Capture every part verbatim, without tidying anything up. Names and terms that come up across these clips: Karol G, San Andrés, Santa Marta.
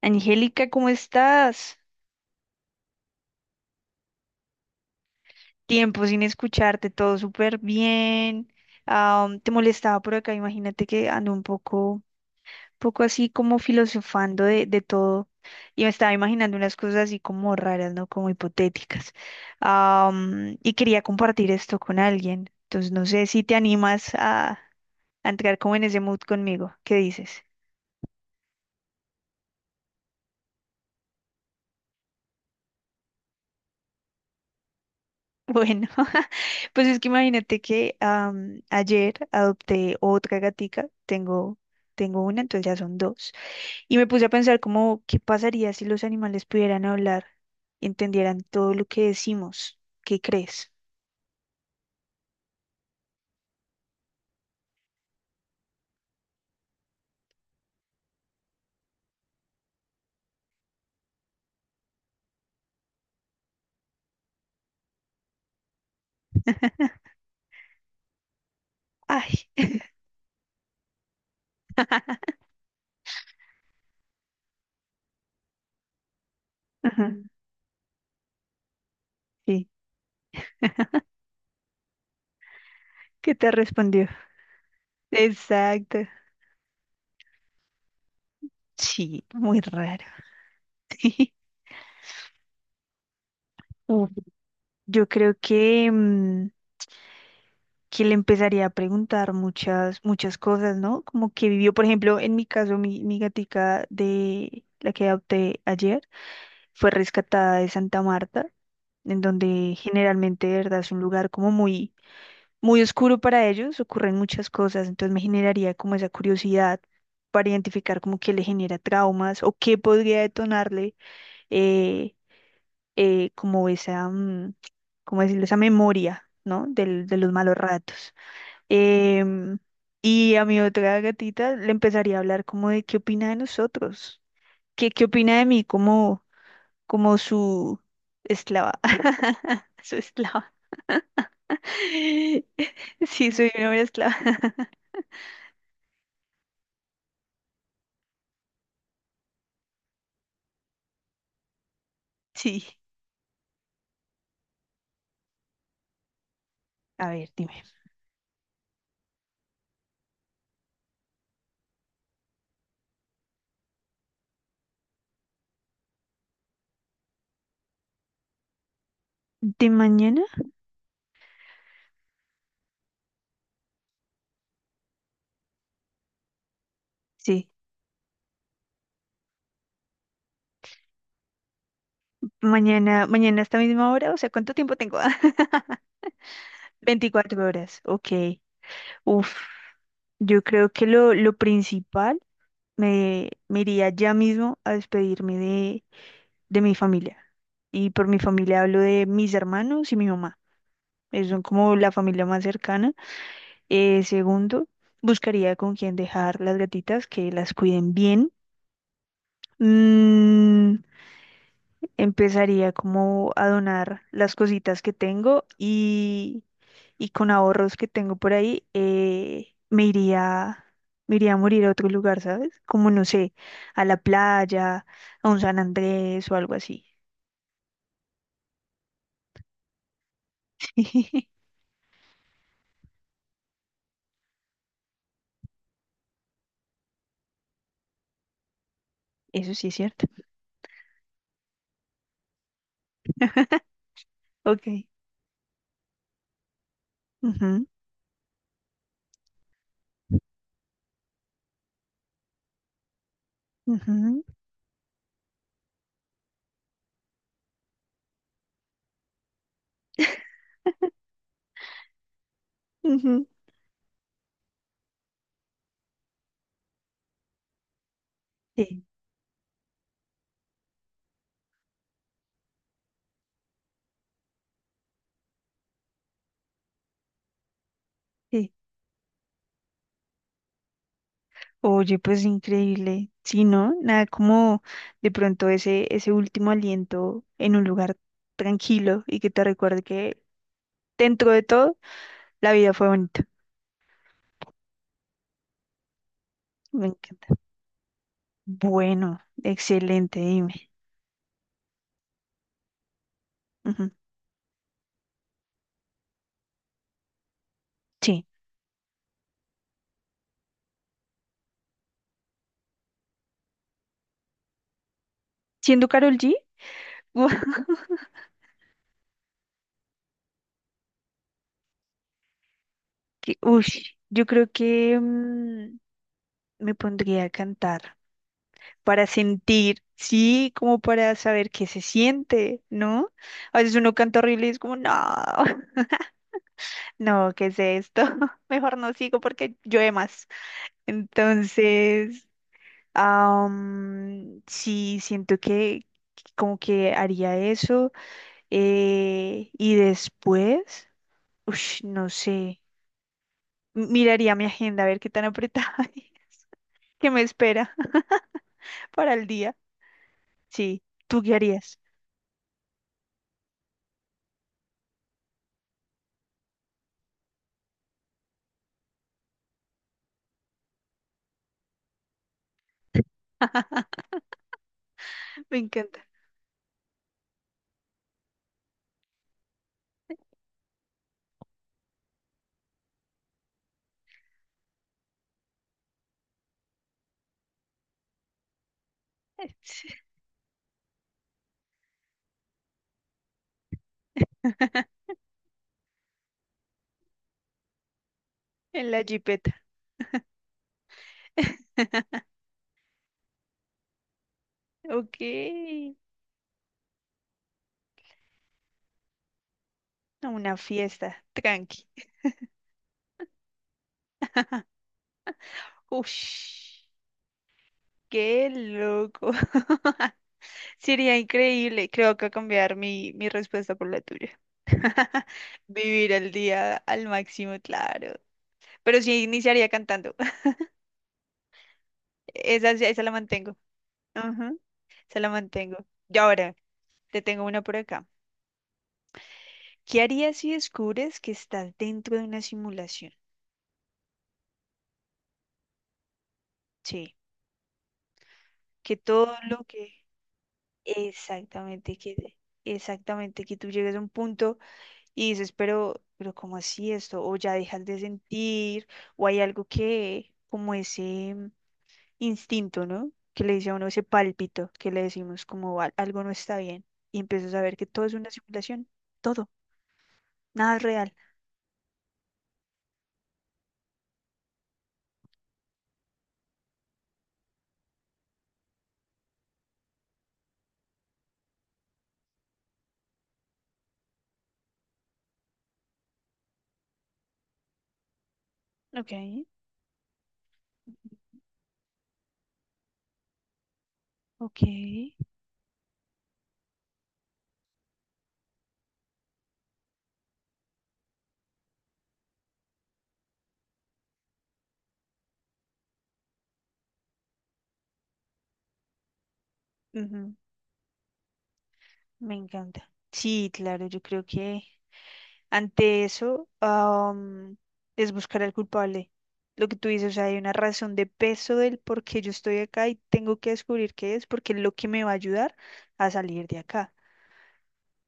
Angélica, ¿cómo estás? Tiempo sin escucharte, todo súper bien. Ah, um, te molestaba por acá, imagínate que ando un poco, poco así como filosofando de, de todo y me estaba imaginando unas cosas así como raras, ¿no? Como hipotéticas. Ah, um, y quería compartir esto con alguien. Entonces, no sé si te animas a, a entrar como en ese mood conmigo. ¿Qué dices? Bueno, pues es que imagínate que am, ayer adopté otra gatica, tengo, tengo una, entonces ya son dos, y me puse a pensar como, ¿qué pasaría si los animales pudieran hablar y entendieran todo lo que decimos? ¿Qué crees? Ay, ajá, sí, ¿qué te respondió? Exacto, sí, muy raro. Uf, yo creo que, mm, que le empezaría a preguntar muchas, muchas cosas, ¿no? Como que vivió, por ejemplo, en mi caso, mi, mi gatica de la que adopté ayer fue rescatada de Santa Marta, en donde generalmente, de verdad, es un lugar como muy, muy oscuro para ellos, ocurren muchas cosas, entonces me generaría como esa curiosidad para identificar como qué le genera traumas o qué podría detonarle eh, eh, como esa, mm, como decirlo, esa memoria, ¿no? Del, de los malos ratos. Em, y a mi otra gatita le empezaría a hablar como de qué opina de nosotros, qué, qué opina de mí como, como su esclava, su esclava. Sí, soy una buena esclava. Sí, a ver, dime. ¿De mañana? Sí, mañana, mañana a esta misma hora, o sea, ¿cuánto tiempo tengo? Veinticuatro horas, ok. Uf, yo creo que lo, lo principal, me, me iría ya mismo a despedirme de mi familia. Y por mi familia hablo de mis hermanos y mi mamá. Ellos son como la familia más cercana. Eh, segundo, buscaría con quién dejar las gatitas, que las cuiden bien. Mm, empezaría como a donar las cositas que tengo y, y con ahorros que tengo por ahí, eh, me iría, me iría a morir a otro lugar, ¿sabes? Como no sé, a la playa, a un San Andrés o algo así. Eso sí es cierto. Ok. Ujú, ujú, ujú. Sí, sí. Oye, pues increíble. Sí, ¿no? Nada como de pronto ese, ese último aliento en un lugar tranquilo y que te recuerde que dentro de todo la vida fue bonita. Me encanta. Bueno, excelente, dime. Ujú, sí. Siendo Karol G, que, ush, yo creo que mm, me pondría a cantar, para sentir, sí, como para saber qué se siente, ¿no? A veces uno canta horrible y es como, no, no, ¿qué es esto? Mejor no sigo porque llueve más. Entonces, am, sí, siento que como que haría eso. eh, y después, ush, no sé, miraría mi agenda a ver qué tan apretada, hay, qué me espera para el día. Sí, ¿tú qué harías? Me encanta. En la jipeta. Ok. A una fiesta. Tranqui. Ush. Qué loco. Sería increíble. Creo que cambiar mi, mi respuesta por la tuya. Vivir el día al máximo, claro. Pero sí iniciaría cantando. Esa, sí, esa la mantengo. Ajá, esa la mantengo. Y ahora, te tengo una por acá. ¿Qué harías si descubres que estás dentro de una simulación? Sí, que todo lo que... Exactamente que, exactamente que tú llegues a un punto y dices, pero, pero ¿cómo así esto? O ya dejas de sentir, o hay algo que, como ese mm, instinto, ¿no? Que le dice a uno ese pálpito, que le decimos como "Al- algo no está bien", y empiezas a ver que todo es una simulación, todo, nada es real. Ok, ok, ujú, me encanta. Sí, claro, yo creo que ante eso, am, es buscar al culpable. Lo que tú dices, o sea, hay una razón de peso del por qué yo estoy acá y tengo que descubrir qué es, porque es lo que me va a ayudar a salir de acá.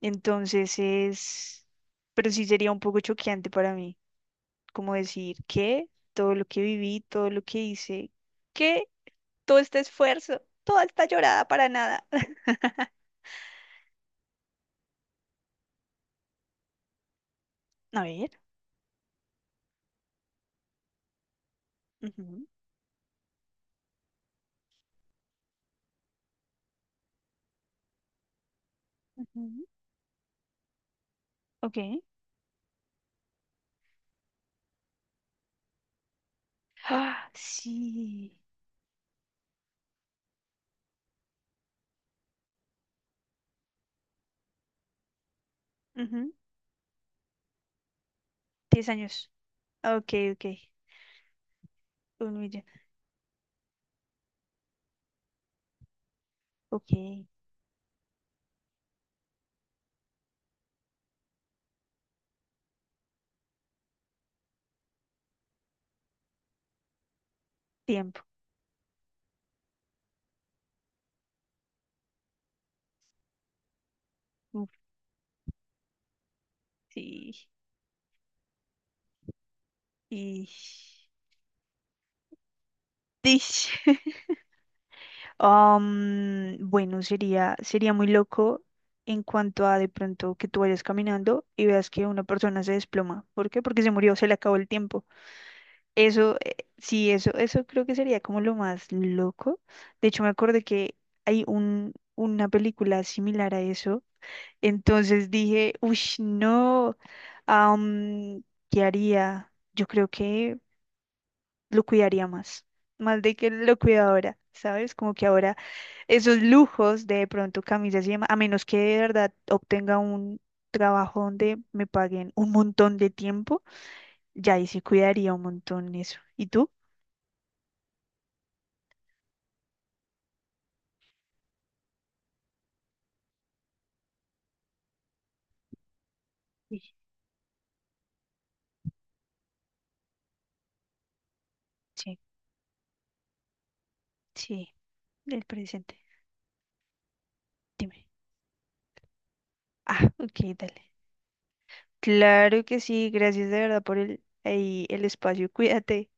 Entonces es, pero sí sería un poco choqueante para mí, como decir que todo lo que viví, todo lo que hice, que todo este esfuerzo, toda esta llorada para nada. A ver. Ujú, ujú, ok. Ah, sí. Ujú, diez años. Ah, ok, ok. Un millón. Ok. Tiempo. Uf, sí. Y. Dish. Am, bueno, sería, sería muy loco en cuanto a de pronto que tú vayas caminando y veas que una persona se desploma. ¿Por qué? Porque se murió, se le acabó el tiempo. Eso, eh, sí, eso, eso creo que sería como lo más loco. De hecho, me acordé que hay un, una película similar a eso. Entonces dije, uy, no, am, ¿qué haría? Yo creo que lo cuidaría más, más de que lo cuido ahora, ¿sabes? Como que ahora esos lujos de pronto camisas y demás, a menos que de verdad obtenga un trabajo donde me paguen un montón de tiempo, ya ahí sí cuidaría un montón eso. ¿Y tú? Sí, sí, sí, del presente. Dime. Ah, ok, dale. Claro que sí, gracias de verdad por el, ahí el espacio. Cuídate.